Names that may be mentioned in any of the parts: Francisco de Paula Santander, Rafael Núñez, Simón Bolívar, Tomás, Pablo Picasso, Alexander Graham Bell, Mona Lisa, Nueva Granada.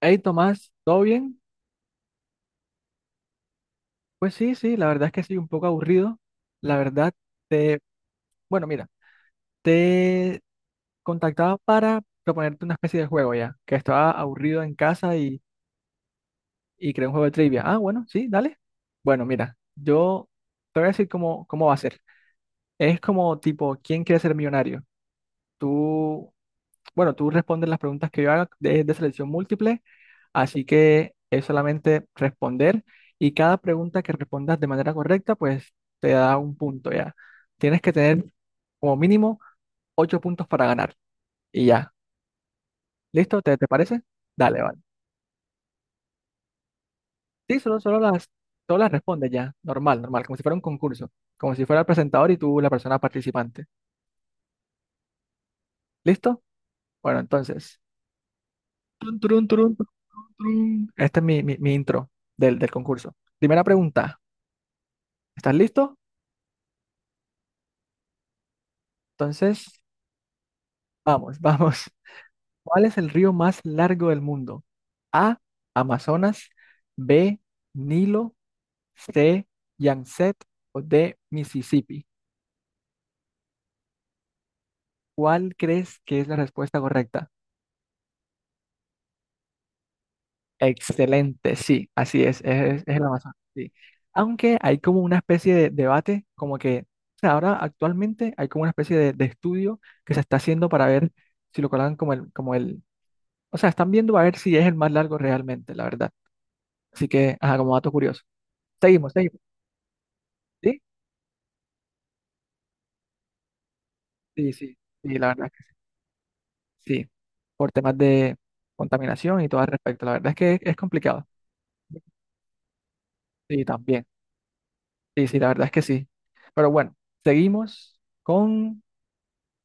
Hey Tomás, ¿todo bien? Pues sí, sí, la verdad es que sí, un poco aburrido. La verdad, te, bueno, mira, te contactaba para proponerte una especie de juego ya, que estaba aburrido en casa y creé un juego de trivia. Ah, bueno, sí, dale. Bueno, mira, yo te voy a decir cómo va a ser. Es como tipo, ¿quién quiere ser millonario? Tú Bueno, tú respondes las preguntas que yo haga de selección múltiple, así que es solamente responder y cada pregunta que respondas de manera correcta, pues te da un punto ya. Tienes que tener como mínimo ocho puntos para ganar y ya. ¿Listo? ¿Te parece? Dale, vale. Sí, todas las respondes ya, normal, normal, como si fuera un concurso, como si fuera el presentador y tú la persona participante. ¿Listo? Bueno, entonces. Tun, turun, turun, turun, turun. Este es mi intro del concurso. Primera pregunta. ¿Estás listo? Entonces, vamos, vamos. ¿Cuál es el río más largo del mundo? A, Amazonas. B, Nilo. C, Yangtze o D, Mississippi. ¿Cuál crees que es la respuesta correcta? Excelente, sí, así es, es el Amazonas. Sí. Aunque hay como una especie de debate, como que o sea, ahora actualmente hay como una especie de estudio que se está haciendo para ver si lo colocan como el, o sea, están viendo a ver si es el más largo realmente, la verdad. Así que, ajá, como dato curioso. Seguimos, seguimos. ¿Sí? Sí, sí, sí, la verdad es que sí. Sí, por temas de contaminación y todo al respecto. La verdad es que es complicado. Sí, también. Sí, sí, la verdad es que sí. Pero bueno, seguimos con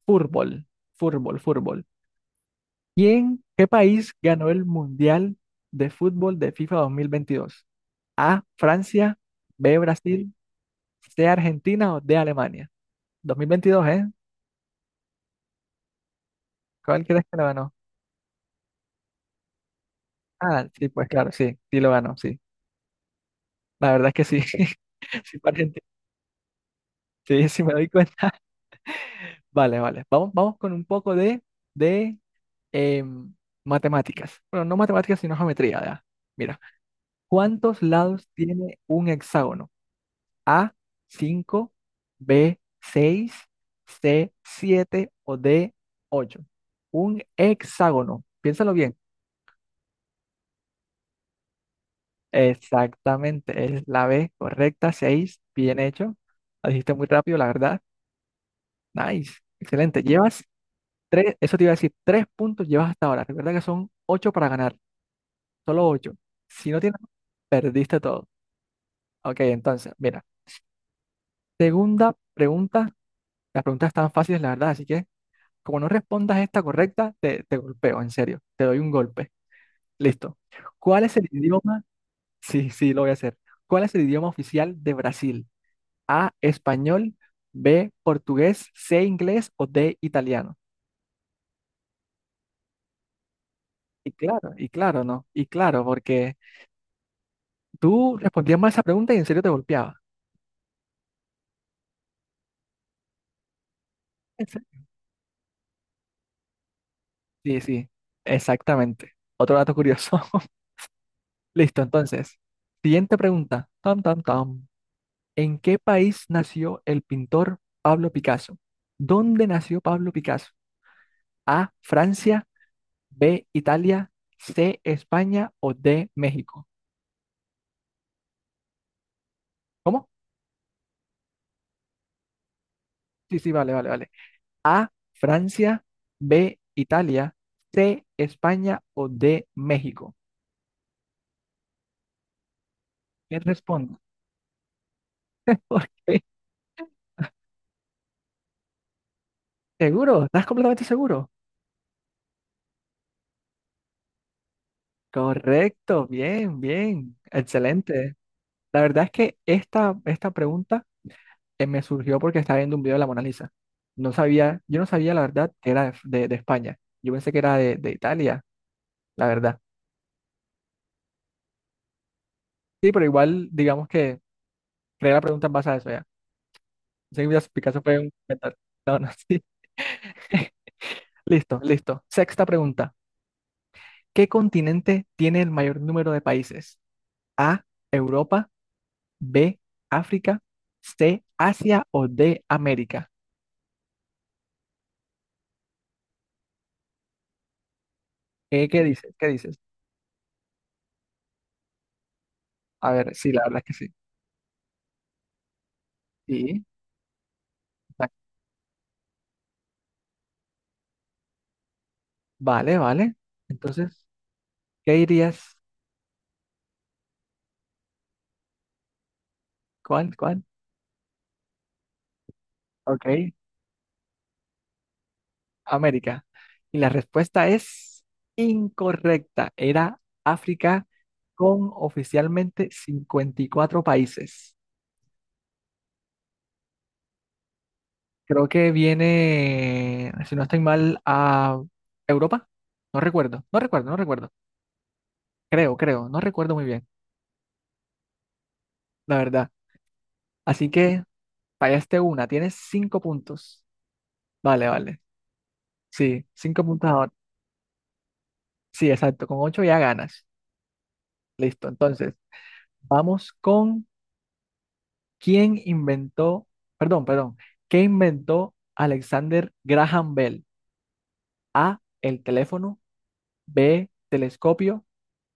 fútbol, fútbol, fútbol. ¿Qué país ganó el Mundial de Fútbol de FIFA 2022? A, Francia. B, Brasil. C, Argentina o D, Alemania. 2022, ¿eh? ¿Cuál crees que lo ganó? Ah, sí, pues claro, sí, sí lo ganó, sí. La verdad es que sí. Sí, pariente. Sí, sí me doy cuenta. Vale, vale. Vamos, vamos con un poco de em, matemáticas. Bueno, no matemáticas, sino geometría, ¿ya? Mira, ¿cuántos lados tiene un hexágono? A, cinco. B, seis. C, 7 o D, ocho. Un hexágono. Piénsalo bien. Exactamente, es la B correcta, seis. Bien hecho. La dijiste muy rápido, la verdad. Nice. Excelente. Llevas Tres, eso te iba a decir, tres puntos llevas hasta ahora. Recuerda que son ocho para ganar, solo ocho. Si no tienes, perdiste todo. Ok, entonces, mira, segunda pregunta. Las preguntas están fáciles, la verdad, así que como no respondas esta correcta, te golpeo, en serio. Te doy un golpe. Listo. ¿Cuál es el idioma? Sí, sí, lo voy a hacer. ¿Cuál es el idioma oficial de Brasil? A, español. B, portugués. C, inglés o D, italiano. Y claro, ¿no? Y claro, porque... Tú respondías mal esa pregunta y en serio te golpeaba. ¿En serio? Sí, sí, exactamente. Otro dato curioso. Listo, entonces. Siguiente pregunta. Tam, tam, tam. ¿En qué país nació el pintor Pablo Picasso? ¿Dónde nació Pablo Picasso? A, Francia. B, Italia. C, España o D, México. ¿Cómo? Sí, sí, vale, vale, vale. A, Francia. B, Italia. C, España o D, México. ¿Quién responde? ¿Por qué? ¿Seguro? ¿Estás completamente seguro? Correcto, bien, bien, excelente. La verdad es que esta pregunta me surgió porque estaba viendo un video de la Mona Lisa. No sabía, yo no sabía la verdad que era de España. Yo pensé que era de Italia, la verdad. Sí, pero igual, digamos que creé la pregunta en base a eso ya. Sé que Picasso fue un mental. No, no, sí. Listo, listo. Sexta pregunta. ¿Qué continente tiene el mayor número de países? A, Europa. B, África. C, Asia o D, América. ¿Qué dices? ¿Qué dices? A ver, sí, la verdad es que sí. Sí, exacto. Vale, vale. Entonces, ¿qué dirías? ¿Cuál? ¿Cuál? Ok, América. Y la respuesta es incorrecta. Era África con oficialmente 54 países. Creo que viene, si no estoy mal, a Europa. No recuerdo, no recuerdo, no recuerdo. Creo, creo, no recuerdo muy bien, la verdad. Así que fallaste una, tienes cinco puntos. Vale, vale. Sí, cinco puntos ahora. Sí, exacto, con ocho ya ganas. Listo, entonces, vamos con quién inventó, perdón, perdón, ¿qué inventó Alexander Graham Bell? ¿El teléfono? ¿B, telescopio?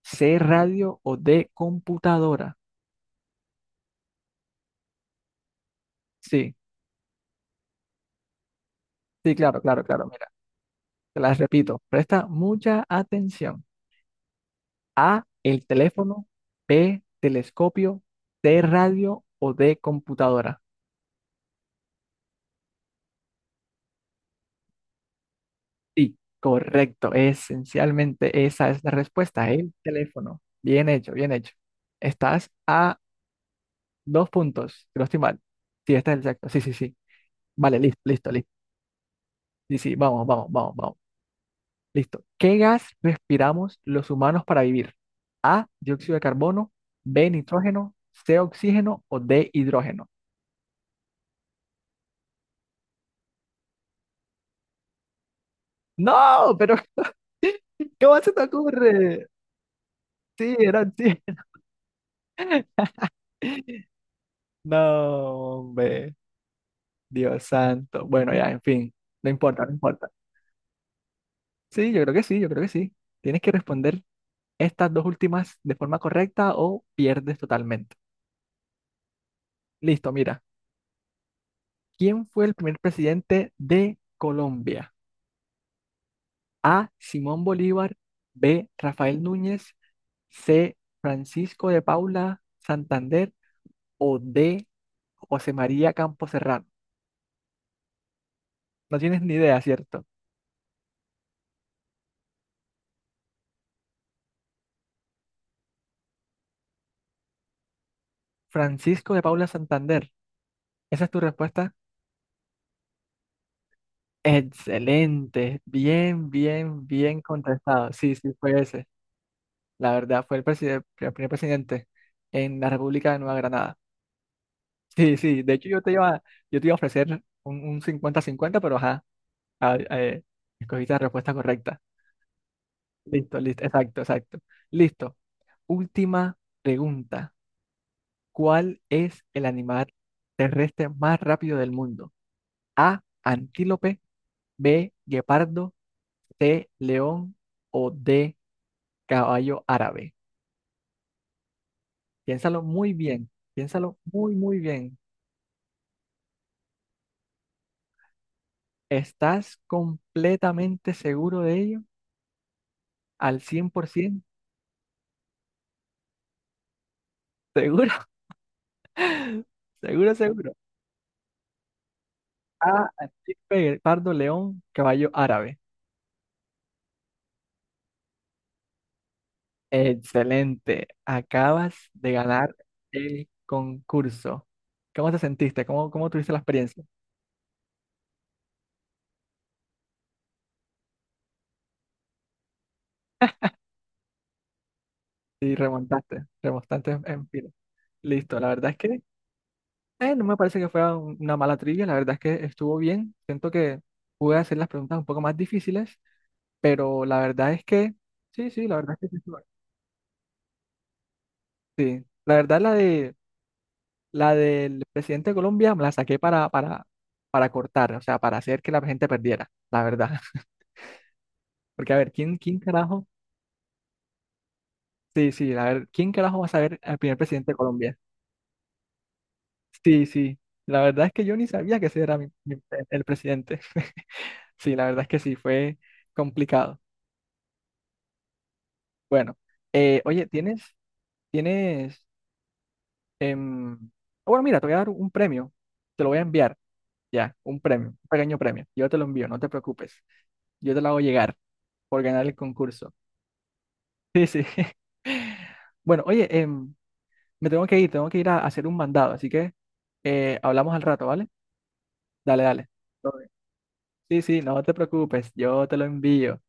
¿C, radio o D, computadora? Sí, sí, claro, claro, claro. Mira, te las repito, presta mucha atención. A, el teléfono. B, telescopio. C, radio o D, computadora. Sí, correcto. Esencialmente esa es la respuesta, el teléfono. Bien hecho, bien hecho. Estás a dos puntos, si no estoy mal. Sí, está exacto. Sí, sí, sí. Vale, listo, listo, listo. Sí, sí, vamos, vamos, vamos, vamos. Listo. ¿Qué gas respiramos los humanos para vivir? A, dióxido de carbono. B, nitrógeno. C, oxígeno o D, hidrógeno. No, pero ¿cómo se te ocurre? Sí, era sí. No, hombre, Dios santo. Bueno, ya, en fin, no importa, no importa. Sí, yo creo que sí, yo creo que sí. Tienes que responder estas dos últimas de forma correcta o pierdes totalmente. Listo, mira. ¿Quién fue el primer presidente de Colombia? A, Simón Bolívar. B, Rafael Núñez. C, Francisco de Paula Santander. O D, José María Campos. No tienes ni idea, ¿cierto? Francisco de Paula Santander. ¿Esa es tu respuesta? Excelente. Bien, bien, bien contestado. Sí, sí, fue ese. La verdad, fue el primer presidente en la República de Nueva Granada. Sí, sí. De hecho, yo te iba a ofrecer un cincuenta 50, pero ajá, a- eh, escogiste la respuesta correcta. Listo, listo. Exacto, exacto. Listo. Última pregunta. ¿Cuál es el animal terrestre más rápido del mundo? A, antílope. B, guepardo. C, león o D, caballo árabe. Piénsalo muy bien, piénsalo muy, muy bien. ¿Estás completamente seguro de ello? ¿Al 100%? ¿Seguro? ¿Seguro, seguro? A, antílope, guepardo, león, caballo árabe. Excelente, acabas de ganar el concurso. ¿Cómo te sentiste? ¿Cómo tuviste la experiencia? Y remontaste, remontaste en fila. Listo, la verdad es que no me parece que fuera una mala trivia, la verdad es que estuvo bien. Siento que pude hacer las preguntas un poco más difíciles, pero la verdad es que, sí, sí, la verdad es que sí. Estuvo... Sí, la verdad la del presidente de Colombia me la saqué para cortar, o sea, para hacer que la gente perdiera, la verdad. Porque a ver, ¿quién carajo? Sí, sí, a ver, ¿quién carajo va a saber al primer presidente de Colombia? Sí, sí, la verdad es que yo ni sabía que ese era el presidente. Sí, la verdad es que sí, fue complicado. Bueno, oye, tienes, em, ah, bueno, mira, te voy a dar un premio, te lo voy a enviar, ya, un premio, un pequeño premio, yo te lo envío, no te preocupes, yo te lo hago llegar por ganar el concurso. Sí, sí. Bueno, oye, me tengo que ir a hacer un mandado, así que hablamos al rato, ¿vale? Dale, dale. Todo bien. Sí, sí, no te preocupes, yo te lo envío.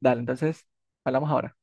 Dale, entonces, hablamos ahora.